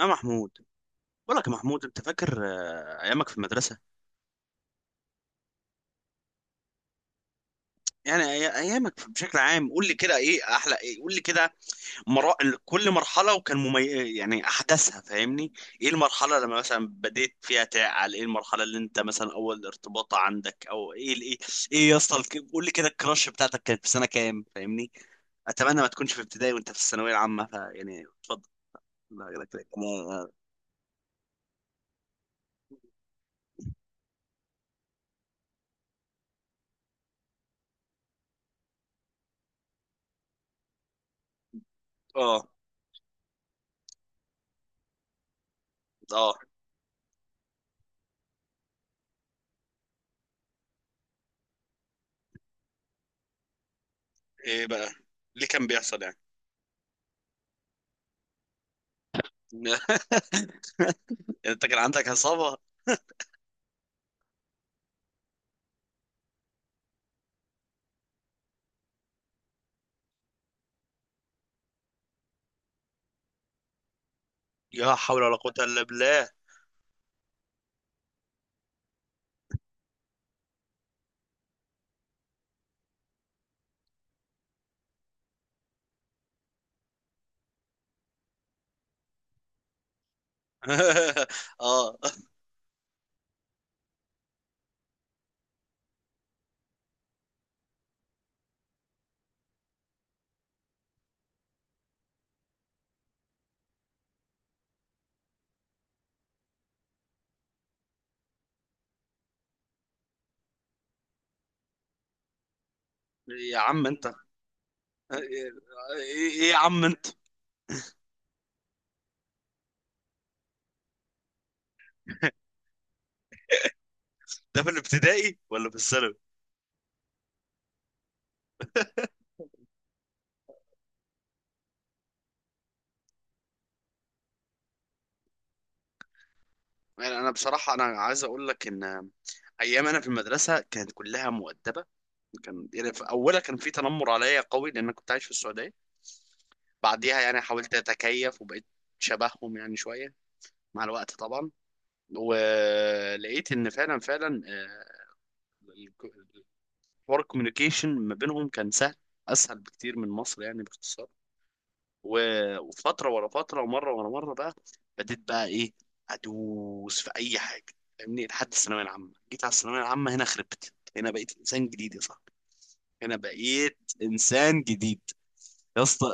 يا محمود، بقول لك يا محمود، انت فاكر ايامك في المدرسه. يعني ايامك بشكل عام، قول لي كده ايه احلى، ايه قول لي كده. مرا... كل مرحله وكان يعني احداثها، فاهمني؟ ايه المرحله لما مثلا بديت فيها تعقل؟ ايه المرحله اللي انت مثلا اول ارتباط عندك، او ايه ايه يا اسطى، قول لي كده، الكراش بتاعتك كانت في سنه كام؟ فاهمني، اتمنى ما تكونش في ابتدائي وانت في الثانويه العامه، فيعني اتفضل. لا، لا، لا، لا. اه، اه. ايه بقى اللي كان بيحصل؟ يعني انت كان عندك عصابة؟ لا حول ولا قوة الا بالله. اه. يا عم انت. ايه؟ إيه يا عم انت. ده في الابتدائي ولا في الثانوي؟ يعني انا بصراحة انا عايز اقول لك ان ايام انا في المدرسة كانت كلها مؤدبة. كان يعني في اولها كان في تنمر عليا قوي، لان أنا كنت عايش في السعودية. بعديها يعني حاولت اتكيف وبقيت شبههم يعني شوية مع الوقت طبعا. ولقيت ان فعلا فعلا آه، حوار الكوميونيكيشن ما بينهم كان سهل، اسهل بكتير من مصر يعني باختصار. و- وفتره ورا فتره، ومره ورا مره، بقى بديت بقى ايه؟ ادوس في اي حاجه، فاهمني؟ لحد الثانويه العامه، جيت على الثانويه العامه هنا خربت، هنا بقيت انسان جديد يا صاحبي. هنا بقيت انسان جديد. يا اسطى.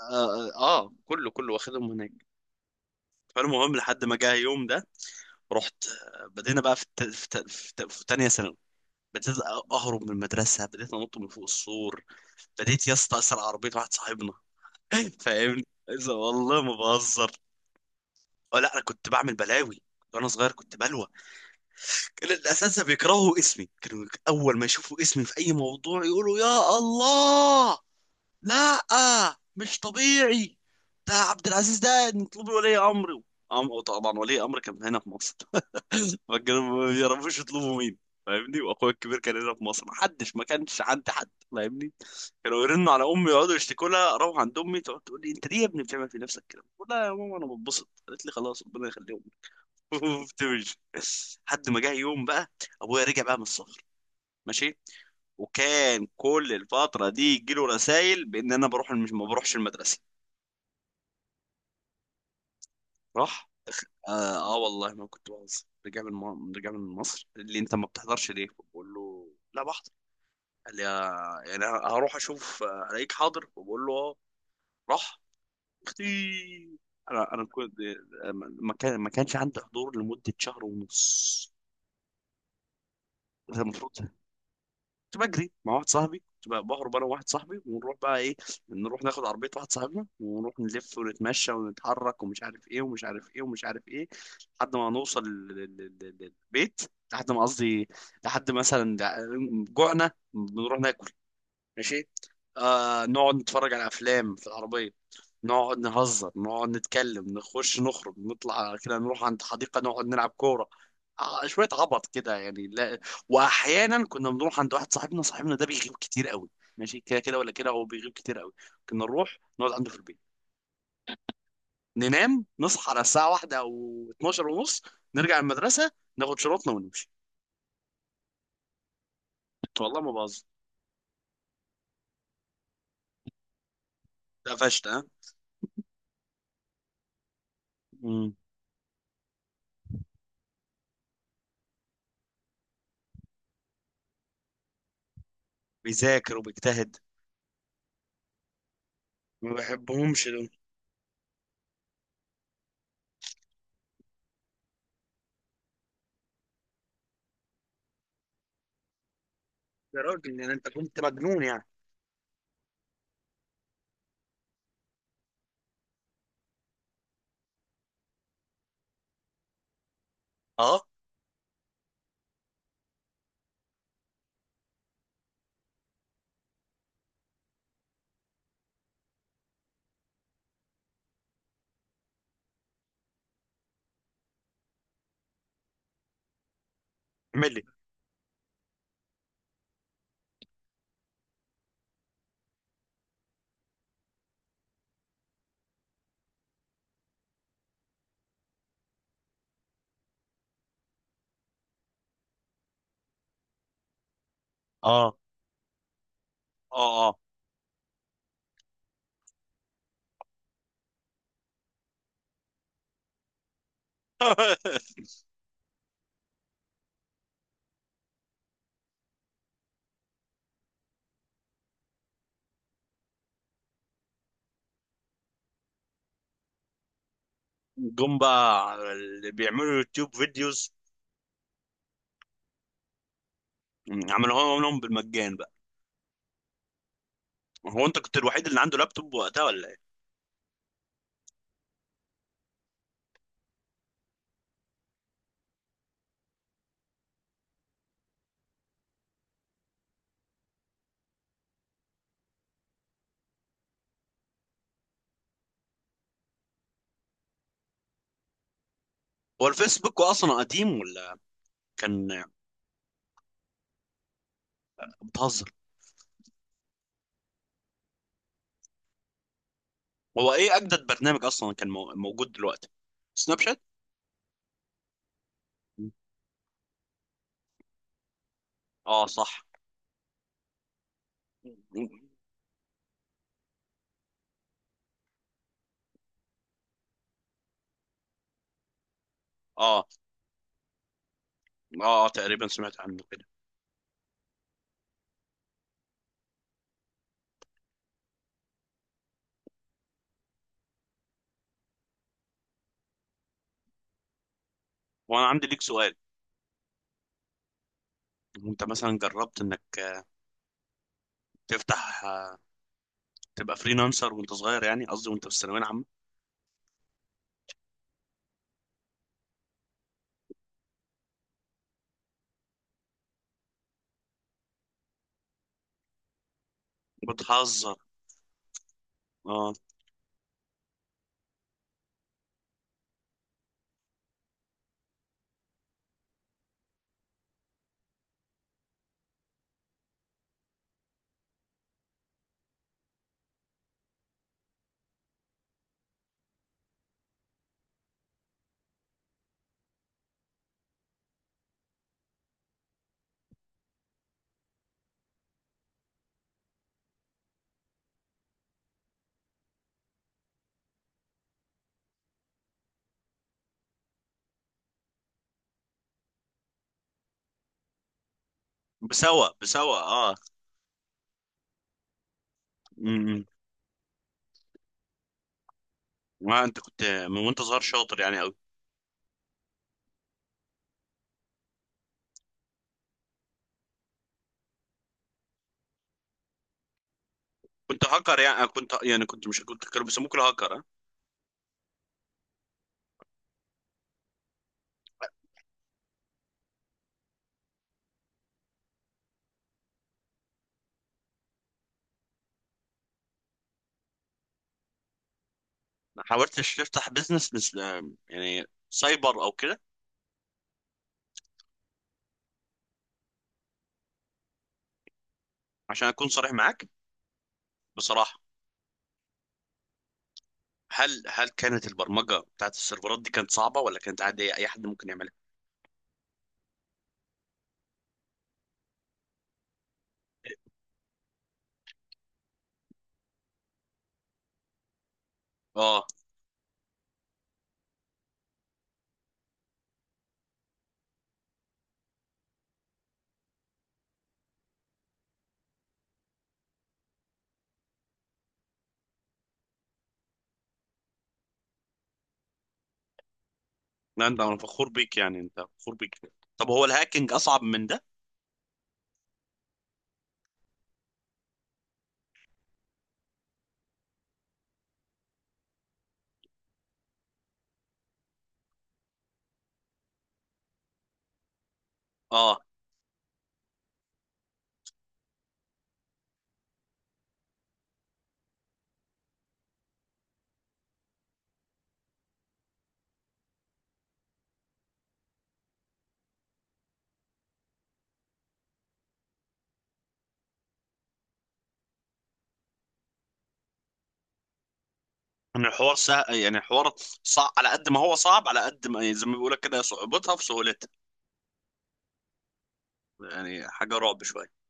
اه، آه. كله كله واخدهم هناك. فالمهم لحد ما جه يوم ده، رحت بدينا بقى في في تانية ثانوي. بديت اهرب من المدرسه، بديت انط من فوق السور، بديت يا اسطى اسرق عربيه واحد صاحبنا. فاهمني، إذا والله ما بهزر. أه لا، انا كنت بعمل بلاوي وانا صغير، كنت بلوى. كان الاساتذه بيكرهوا اسمي، كانوا اول ما يشوفوا اسمي في اي موضوع يقولوا يا الله، لا مش طبيعي، ده عبد العزيز ده، نطلبي ولي امره. طبعا ولي امر كان هنا في مصر، فكانوا ما بيعرفوش يطلبوا مين، فاهمني؟ واخويا الكبير كان هنا في مصر، ما حدش، ما كانش عندي حد، فاهمني؟ كانوا يرنوا على امي، يقعدوا يشتكوا لها، اروح عند امي تقعد تقول لي انت ليه يا ابني بتعمل في نفسك كده؟ بقول لها يا ماما انا بتبسط، قالت لي خلاص ربنا يخليهم. وبتمشي. لحد ما جه يوم بقى، ابويا رجع بقى من السفر، ماشي. وكان كل الفتره دي يجي له رسايل بان انا بروح، مش ما بروحش المدرسه. راح. اه، آه، والله ما كنت بهزر. رجع من مصر، اللي انت ما بتحضرش ليه؟ بقول له لا بحضر. قال لي يعني هروح اشوف الاقيك حاضر، وبقول له اه. راح. اختي، انا كنت آه، ما كان ما كانش عندي حضور لمده شهر ونص. ده المفروض. كنت بجري مع واحد صاحبي، كنت بقى بهرب انا وواحد صاحبي، ونروح بقى ايه، نروح ناخد عربيه واحد صاحبنا ونروح نلف ونتمشى ونتحرك ومش عارف ايه ومش عارف ايه ومش عارف ايه، لحد ما نوصل للبيت. لحد ما قصدي، لحد مثلا جوعنا بنروح ناكل، ماشي. نقعد نتفرج على افلام في العربيه، نقعد نهزر نقعد نتكلم نخش نخرج نطلع كده نروح عند حديقه نقعد نلعب كوره. شويه عبط كده، يعني لا. واحيانا كنا بنروح عند واحد صاحبنا، صاحبنا ده بيغيب كتير قوي، ماشي كده كده ولا كده، هو بيغيب كتير قوي. كنا نروح نقعد عنده في البيت، ننام نصحى على الساعه واحدة او 12 ونص، نرجع المدرسه، ناخد شنطنا ونمشي. والله ما بهزر. اتقفشت ها؟ مم. بيذاكر وبيجتهد. ما بحبهمش دول. يا راجل، يعني انت كنت مجنون يعني. اه. اعمل لي. اه، اه، اه. جم بقى اللي بيعملوا يوتيوب فيديوز، عملوها لهم بالمجان بقى. هو انت كنت الوحيد اللي عنده لابتوب وقتها ولا ايه؟ هو الفيسبوك اصلا قديم ولا كان؟ بتهزر. هو ايه اجدد برنامج اصلا كان موجود دلوقتي؟ سناب شات. اه صح. اه، اه، اه، تقريبا سمعت عنه كده. وانا عندي ليك سؤال، انت مثلا جربت انك تفتح، تبقى فريلانسر وانت صغير، يعني قصدي وانت في الثانويه العامه؟ بتهزر. اه. بسوا بسوا، اه. امم. ما انت كنت من وانت صغير شاطر يعني قوي. كنت هاكر يعني كنت، يعني كنت، مش كنت، كانوا بيسموك الهاكر، اه. ما حاولتش تفتح بزنس مثل يعني سايبر او كده؟ عشان اكون صريح معاك، بصراحه، هل كانت البرمجه بتاعت السيرفرات دي كانت صعبه، ولا كانت عاديه اي حد ممكن يعملها؟ اه لا انت، انا فخور بيك، يعني انت فخور بيك. طب هو الهاكينج اصعب من ده؟ اه. ان الحوار يعني الحوار صعب على قد ما هو صعب، على قد ما يعني زي ما بيقول لك كده، صعوبتها في سهولتها. يعني حاجه رعب شويه.